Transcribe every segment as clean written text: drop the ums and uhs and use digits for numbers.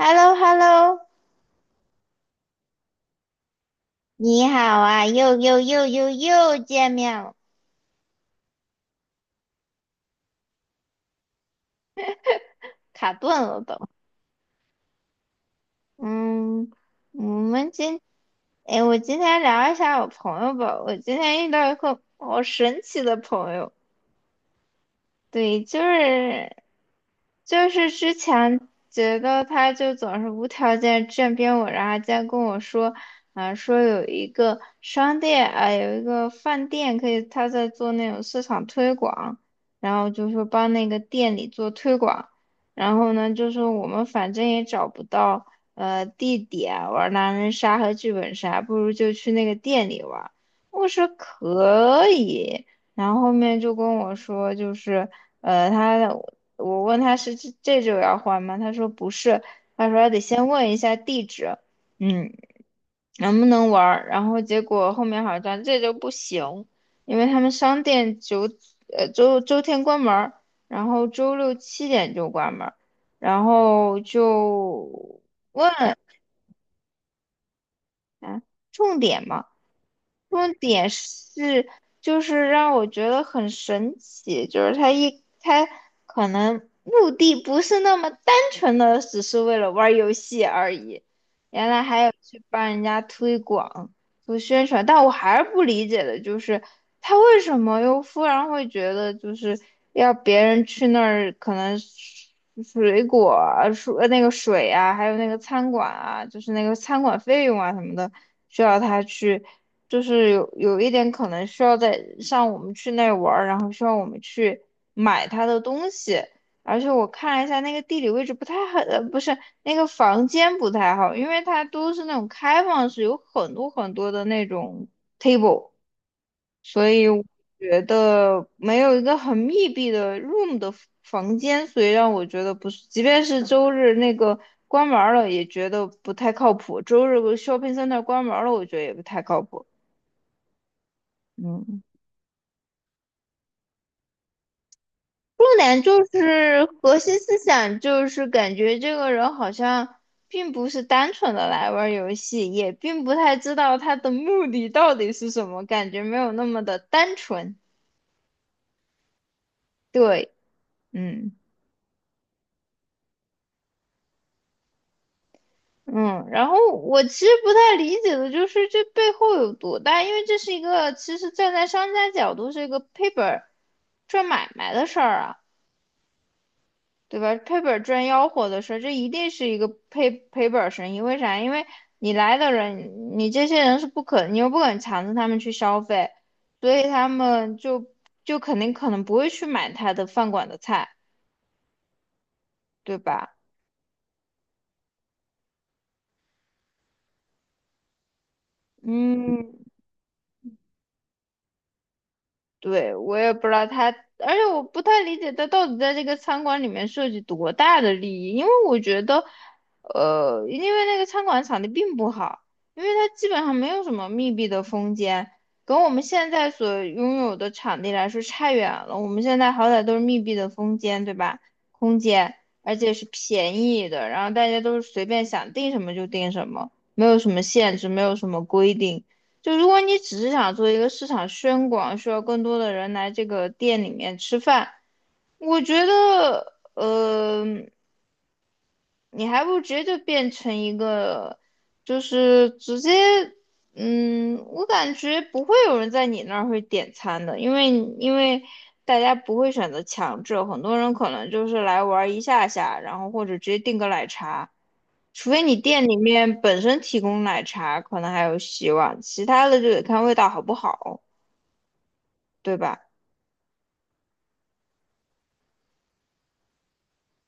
h e l l o 你好啊，又见面了，卡顿了都。嗯，我们今，哎，我今天聊一下我朋友吧。我今天遇到一个好神奇的朋友。对，就是之前觉得他就总是无条件站边我，然后今在跟我说，啊、说有一个饭店可以，他在做那种市场推广，然后就说帮那个店里做推广，然后呢，就说我们反正也找不到地点玩狼人杀和剧本杀，不如就去那个店里玩。我说可以。然后后面就跟我说，呃，他我问他是这就要换吗？他说不是，他说还得先问一下地址，嗯，能不能玩儿？然后结果后面好像这周不行，因为他们商店周天关门儿，然后周六7点就关门儿，然后就问啊，重点嘛。重点是，就是让我觉得很神奇，就是他可能目的不是那么单纯的，只是为了玩儿游戏而已，原来还有去帮人家推广、做宣传，但我还是不理解的，就是他为什么又忽然会觉得就是要别人去那儿，可能水果啊、水啊，还有那个餐馆啊，就是那个餐馆费用啊什么的，需要他去。就是有一点可能需要在像我们去那玩儿，然后需要我们去买他的东西，而且我看了一下那个地理位置不太好，不是那个房间不太好，因为它都是那种开放式，有很多很多的那种 table，所以我觉得没有一个很密闭的 room 的房间，所以让我觉得不是，即便是周日那个关门儿了也觉得不太靠谱，周日 shopping center 关门儿了，我觉得也不太靠谱。嗯，重点就是核心思想，就是感觉这个人好像并不是单纯的来玩儿游戏，也并不太知道他的目的到底是什么，感觉没有那么的单纯。对，嗯嗯。然后我其实不太理解的就是这背后有多大，因为这是一个其实站在商家角度是一个赔本儿赚买卖的事儿啊。对吧？赔本儿赚吆喝的事儿，这一定是一个赔本儿生意。为啥？因为你来的人，你这些人是不可，你又不肯强制他们去消费，所以他们就肯定可能不会去买他的饭馆的菜，对吧？嗯，对，我也不知道他，而且我不太理解他到底在这个餐馆里面涉及多大的利益，因为我觉得，因为那个餐馆场地并不好，因为它基本上没有什么密闭的空间，跟我们现在所拥有的场地来说差远了。我们现在好歹都是密闭的空间，对吧？空间，而且是便宜的，然后大家都是随便想订什么就订什么，没有什么限制，没有什么规定。就如果你只是想做一个市场宣广，需要更多的人来这个店里面吃饭，我觉得，你还不如直接就变成一个，就是直接，我感觉不会有人在你那儿会点餐的，因为因为大家不会选择强制，很多人可能就是来玩儿一下下，然后或者直接订个奶茶。除非你店里面本身提供奶茶，可能还有希望，其他的就得看味道好不好。对吧？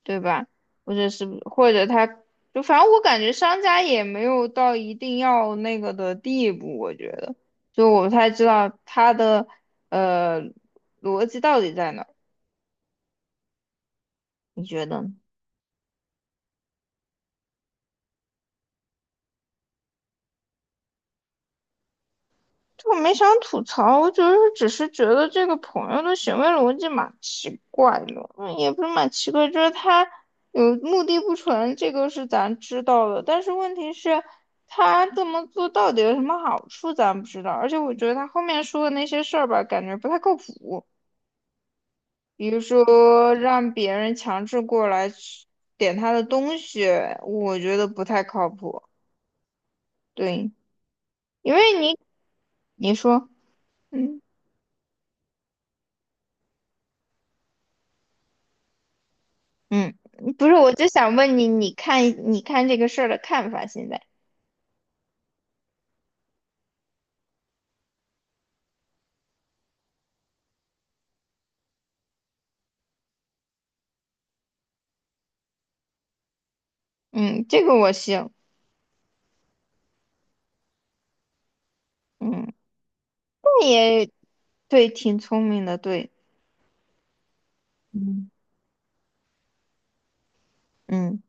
对吧？或者他就反正我感觉商家也没有到一定要那个的地步，我觉得，就我不太知道他的呃逻辑到底在哪儿，你觉得呢？我没想吐槽，我只是觉得这个朋友的行为逻辑蛮奇怪的，也不是蛮奇怪，就是他有目的不纯，这个是咱知道的，但是问题是，他这么做到底有什么好处，咱不知道。而且我觉得他后面说的那些事儿吧，感觉不太靠谱，比如说让别人强制过来点他的东西，我觉得不太靠谱。对，因为你说，嗯。嗯，不是，我就想问你，你看这个事儿的看法现在？嗯，这个我行。嗯，你也对，挺聪明的，对，嗯，嗯，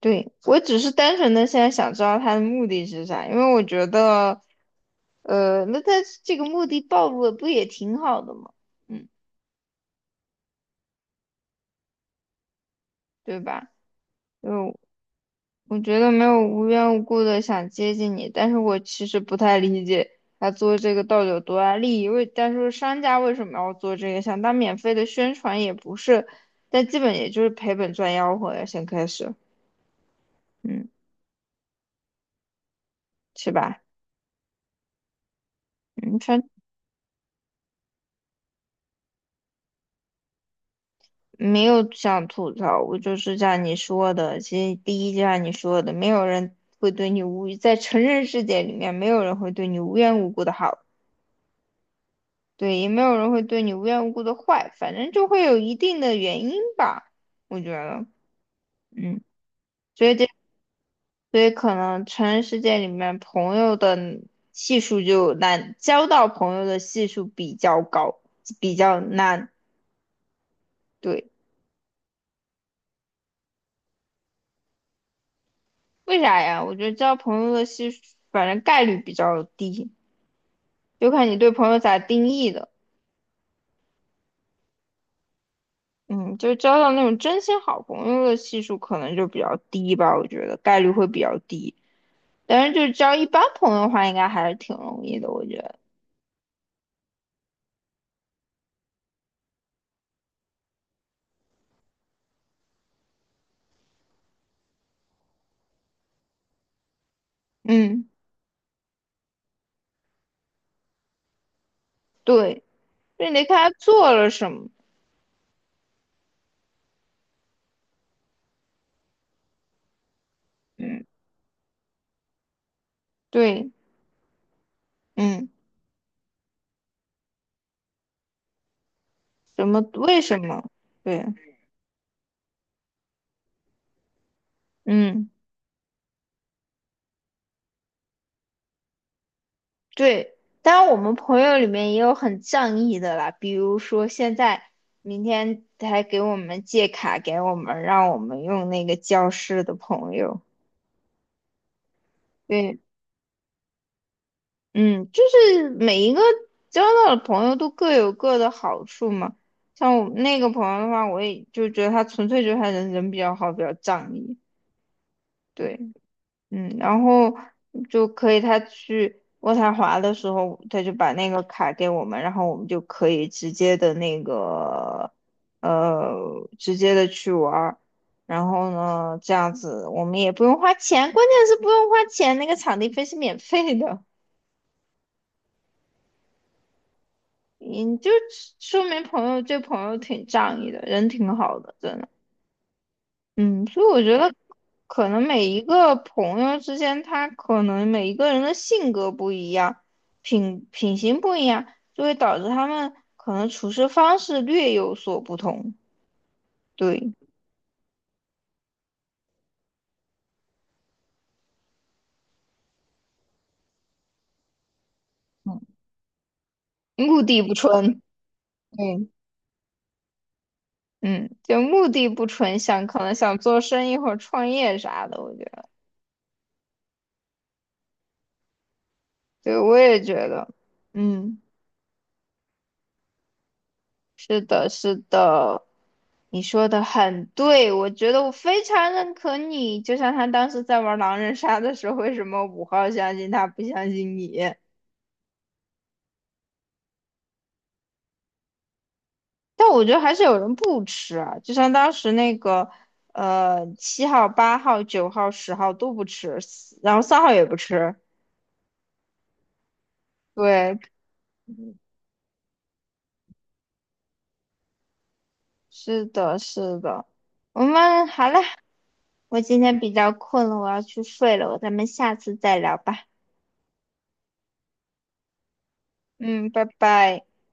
对，我只是单纯的现在想知道他的目的是啥，因为我觉得，那他这个目的暴露了，不也挺好的吗？嗯，对吧？就我觉得没有无缘无故的想接近你，但是我其实不太理解他做这个到底有多大利益。但是商家为什么要做这个？想当免费的宣传也不是，但基本也就是赔本赚吆喝呀，先开始，嗯，是吧？嗯，他没有想吐槽，我就是像你说的，其实第一就像你说的，没有人会对你无语，在成人世界里面，没有人会对你无缘无故的好。对，也没有人会对你无缘无故的坏，反正就会有一定的原因吧，我觉得，嗯，所以这，所以可能成人世界里面朋友的系数就难，交到朋友的系数比较高，比较难，对，为啥呀？我觉得交朋友的系数，反正概率比较低，就看你对朋友咋定义的，嗯，就交到那种真心好朋友的系数可能就比较低吧，我觉得概率会比较低。但是就是交一般朋友的话，应该还是挺容易的，我觉得。嗯，对，就你得看他做了什么。嗯，对，嗯，什么？为什么？对，嗯，对。当然，我们朋友里面也有很仗义的啦，比如说现在明天还给我们借卡给我们，让我们用那个教室的朋友。对。嗯，就是每一个交到的朋友都各有各的好处嘛。像我那个朋友的话，我也就觉得他纯粹就是他人比较好，比较仗义。对，嗯，然后就可以他去渥太华的时候，他就把那个卡给我们，然后我们就可以呃直接的去玩儿。然后呢，这样子我们也不用花钱，关键是不用花钱，那个场地费是免费的。你就说明这朋友挺仗义的，人挺好的，真的。嗯，所以我觉得可能每一个朋友之间，他可能每一个人的性格不一样，品行不一样，就会导致他们可能处事方式略有所不同。对，嗯，目的不纯。嗯嗯，就目的不纯，想可能想做生意或者创业啥的，我觉得。对，我也觉得，嗯。是的，是的，你说的很对，我觉得我非常认可你。就像他当时在玩狼人杀的时候，为什么5号相信他，不相信你？但我觉得还是有人不吃啊，就像当时那个，7号、8号、9号、10号都不吃，然后3号也不吃。对，是的，是的。我们好了，我今天比较困了，我要去睡了，咱们下次再聊吧。嗯，拜拜。